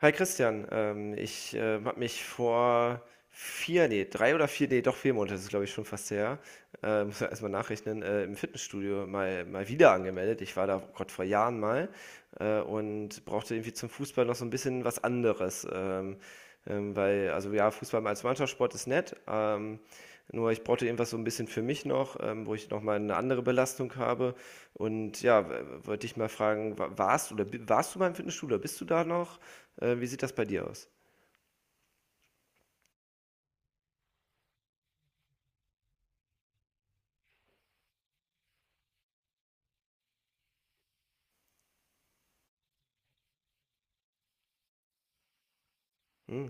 Hi Christian, ich habe mich vor vier, nee, drei oder vier, nee, doch vier Monate, das ist glaube ich schon fast her, muss ja erstmal nachrechnen, im Fitnessstudio mal wieder angemeldet. Ich war da, oh Gott, vor Jahren mal und brauchte irgendwie zum Fußball noch so ein bisschen was anderes. Weil, also ja, Fußball als Mannschaftssport ist nett. Nur ich brauchte irgendwas so ein bisschen für mich noch, wo ich nochmal eine andere Belastung habe. Und ja, wollte ich mal fragen, warst du, oder warst du beim Fitnessstudio, oder bist du da noch? Wie sieht das bei dir aus? Hm,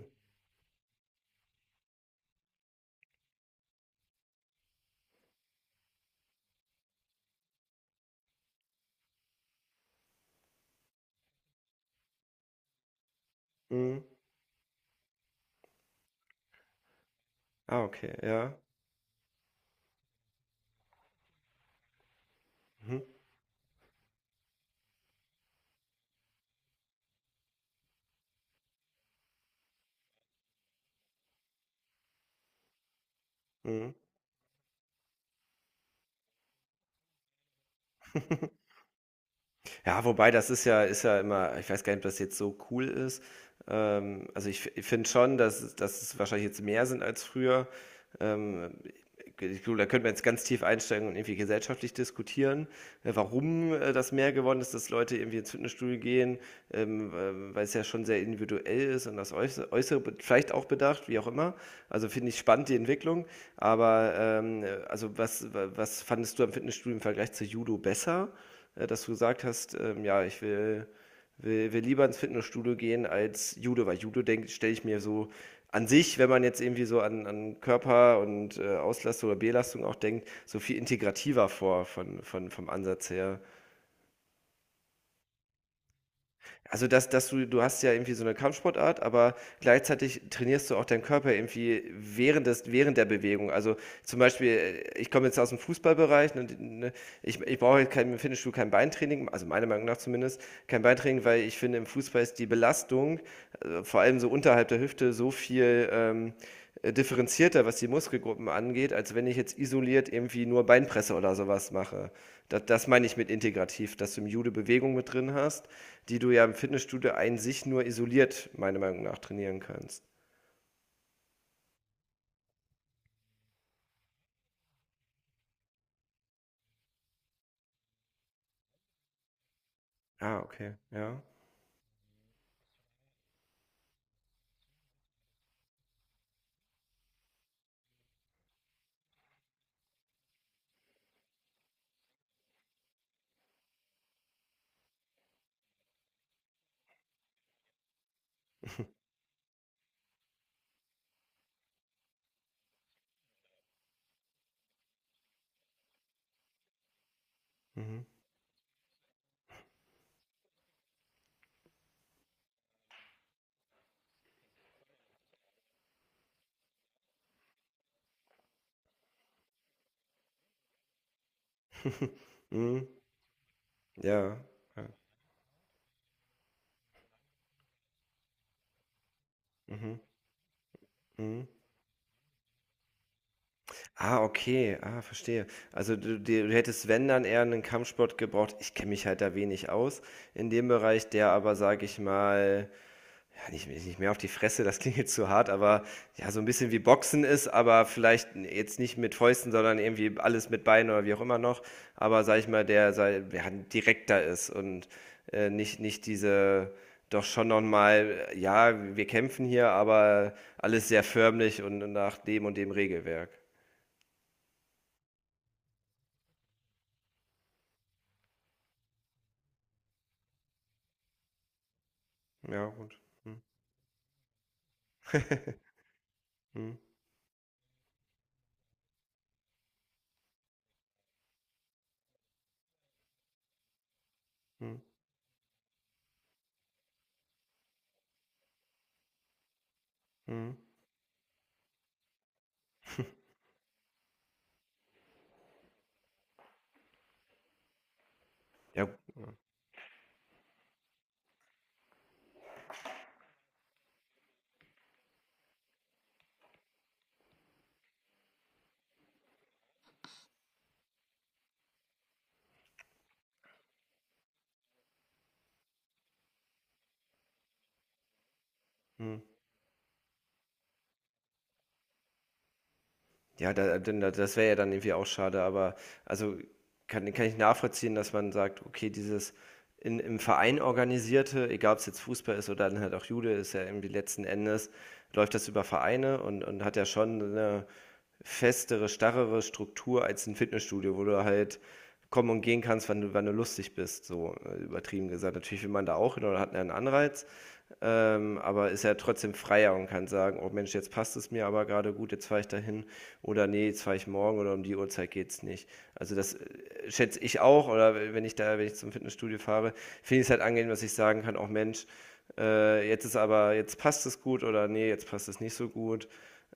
hm. Ah, okay, ja. Mhm, mhm. Ja, wobei, das ist ja immer, ich weiß gar nicht, ob das jetzt so cool ist. Also ich finde schon, dass es wahrscheinlich jetzt mehr sind als früher. Ähm, Ich glaube, da könnte man jetzt ganz tief einsteigen und irgendwie gesellschaftlich diskutieren, warum das mehr geworden ist, dass Leute irgendwie ins Fitnessstudio gehen, weil es ja schon sehr individuell ist und das Äußere vielleicht auch bedacht, wie auch immer. Also finde ich spannend, die Entwicklung. Aber also was fandest du am Fitnessstudio im Vergleich zu Judo besser? Dass du gesagt hast, ja, ich will, lieber ins Fitnessstudio gehen als Judo, weil Judo, denkt, stelle ich mir so an sich, wenn man jetzt irgendwie so an, Körper und Auslastung oder Belastung auch denkt, so viel integrativer vor vom Ansatz her. Also, dass du hast ja irgendwie so eine Kampfsportart, aber gleichzeitig trainierst du auch deinen Körper irgendwie während der Bewegung. Also, zum Beispiel, ich komme jetzt aus dem Fußballbereich, ne, ne, ich brauche jetzt kein, im Fitnessstudio kein Beintraining, also meiner Meinung nach zumindest, kein Beintraining, weil ich finde, im Fußball ist die Belastung vor allem so unterhalb der Hüfte so viel, differenzierter, was die Muskelgruppen angeht, als wenn ich jetzt isoliert irgendwie nur Beinpresse oder sowas mache. Da, das meine ich mit integrativ, dass du im Judo Bewegung mit drin hast, die du ja im Fitnessstudio ein sich nur isoliert, meiner Meinung nach, trainieren kannst. Ah, okay. Ja. Mhm. Mhm. Ja. Ja. Mhm. Mhm. Ah, okay. Ah, verstehe. Also du, du hättest, wenn, dann eher einen Kampfsport gebraucht. Ich kenne mich halt da wenig aus in dem Bereich, der aber, sage ich mal, nicht, nicht mehr auf die Fresse, das klingt jetzt zu hart, aber ja, so ein bisschen wie Boxen ist, aber vielleicht jetzt nicht mit Fäusten, sondern irgendwie alles mit Beinen oder wie auch immer noch. Aber sag ich mal, der, ja, direkter ist und nicht, nicht diese, doch schon nochmal, ja, wir kämpfen hier, aber alles sehr förmlich und nach dem und dem Regelwerk. Ja, gut. Hm. Hm, hm, hm. Ja, hm. Ja, das wäre ja dann irgendwie auch schade, aber also kann ich nachvollziehen, dass man sagt, okay, dieses im Verein organisierte, egal ob es jetzt Fußball ist oder dann halt auch Jude, ist ja irgendwie letzten Endes, läuft das über Vereine, und, hat ja schon eine festere, starrere Struktur als ein Fitnessstudio, wo du halt kommen und gehen kannst, wann du lustig bist, so übertrieben gesagt. Natürlich will man da auch hin oder hat einen Anreiz, aber ist er trotzdem freier und kann sagen, oh Mensch, jetzt passt es mir aber gerade gut, jetzt fahre ich dahin, oder nee, jetzt fahre ich morgen, oder um die Uhrzeit geht's nicht. Also das schätze ich auch, oder wenn ich zum Fitnessstudio fahre, finde ich es halt angenehm, dass ich sagen kann, oh Mensch, jetzt ist aber, jetzt passt es gut, oder nee, jetzt passt es nicht so gut,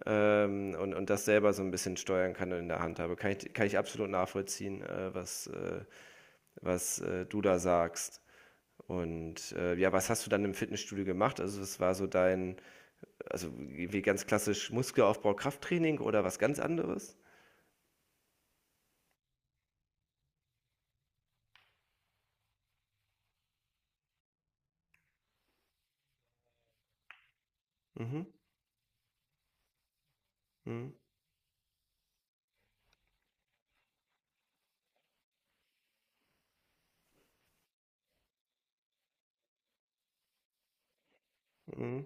und, das selber so ein bisschen steuern kann und in der Hand habe. Kann ich absolut nachvollziehen, was du da sagst. Und ja, was hast du dann im Fitnessstudio gemacht? Also, es war so dein, also wie ganz klassisch Muskelaufbau, Krafttraining oder was ganz anderes? Mhm. Mhm. Mhm.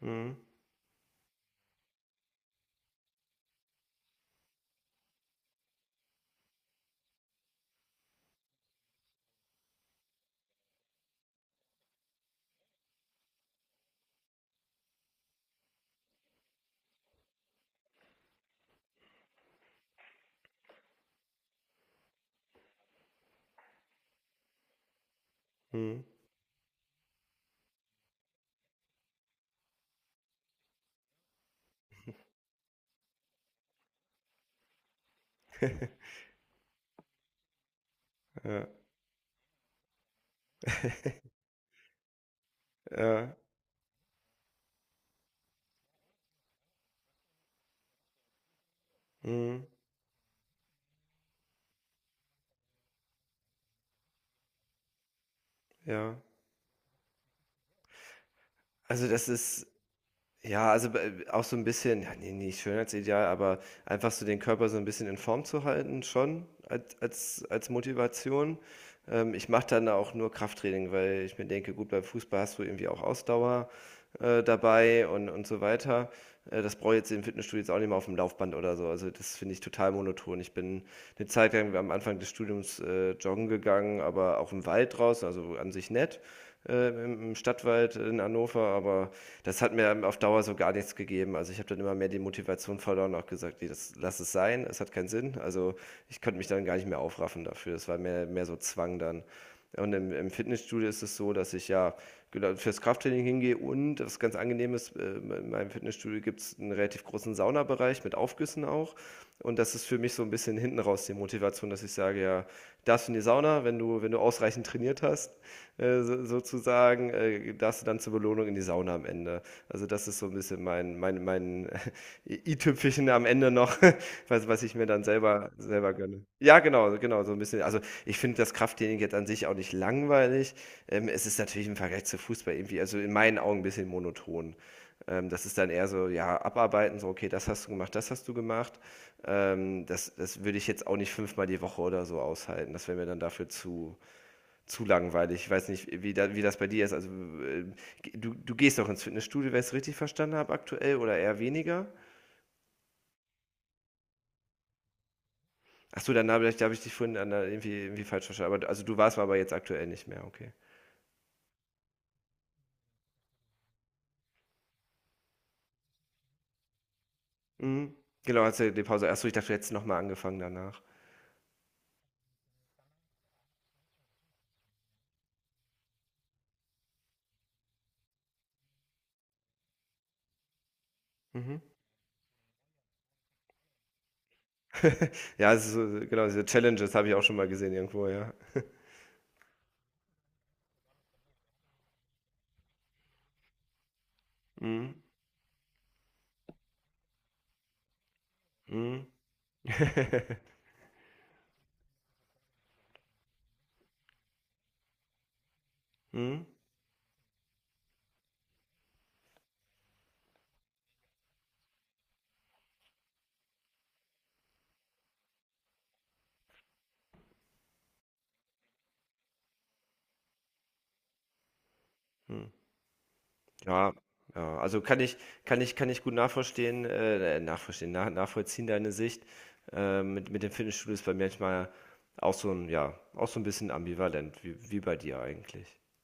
Mhm. Mhm. Ja. Ja. Mhm. Ja. Also das ist, ja, also, b auch so ein bisschen, ja, ne, nicht Schönheitsideal, aber einfach so den Körper so ein bisschen in Form zu halten, schon als Motivation. Ich mache dann auch nur Krafttraining, weil ich mir denke: „Gut, beim Fußball hast du irgendwie auch Ausdauer dabei, und so weiter.“ Das brauche ich jetzt im Fitnessstudio jetzt auch nicht mehr, auf dem Laufband oder so. Also, das finde ich total monoton. Ich bin eine Zeit lang am Anfang des Studiums joggen gegangen, aber auch im Wald draußen, also an sich nett, im Stadtwald in Hannover, aber das hat mir auf Dauer so gar nichts gegeben. Also ich habe dann immer mehr die Motivation verloren und auch gesagt, nee, das lass es sein, es hat keinen Sinn. Also ich konnte mich dann gar nicht mehr aufraffen dafür. Das war mehr, mehr so Zwang dann. Und im Fitnessstudio ist es so, dass ich ja, genau, fürs Krafttraining hingehe. Und was ganz angenehm ist, in meinem Fitnessstudio gibt es einen relativ großen Saunabereich mit Aufgüssen auch. Und das ist für mich so ein bisschen hinten raus die Motivation, dass ich sage, ja, darfst du in die Sauna, wenn du, ausreichend trainiert hast, so, sozusagen, darfst du dann zur Belohnung Wohnung in die Sauna am Ende. Also das ist so ein bisschen mein, i-Tüpfelchen am Ende noch, was ich mir dann selber gönne. Ja, genau, genau, so ein bisschen. Also ich finde das Krafttraining jetzt an sich auch nicht langweilig. Es ist natürlich im Vergleich zu Fußball irgendwie, also in meinen Augen, ein bisschen monoton. Das ist dann eher so, ja, abarbeiten, so, okay, das hast du gemacht, das hast du gemacht. Das würde ich jetzt auch nicht fünfmal die Woche oder so aushalten. Das wäre mir dann dafür zu, langweilig. Ich weiß nicht, wie das bei dir ist. Also, äh, du, gehst doch ins Fitnessstudio, wenn ich es richtig verstanden habe, aktuell, oder eher weniger? Achso, dann da hab ich dich vorhin irgendwie falsch verstanden. Aber, also, du warst aber jetzt aktuell nicht mehr, okay. Mhm. Genau, hast du die Pause. Achso, ich dachte, du hättest nochmal angefangen danach. Mhm. Ja, es ist so, genau, diese Challenges habe ich auch schon mal gesehen irgendwo, ja. Mhm. Mhm. Mhm. Mhm. Ja, ja, also kann ich gut nachverstehen, nachvollziehen deine Sicht. Mit dem Fitnessstudio ist bei mir manchmal auch so ein, ja, auch so ein bisschen ambivalent, wie bei dir eigentlich.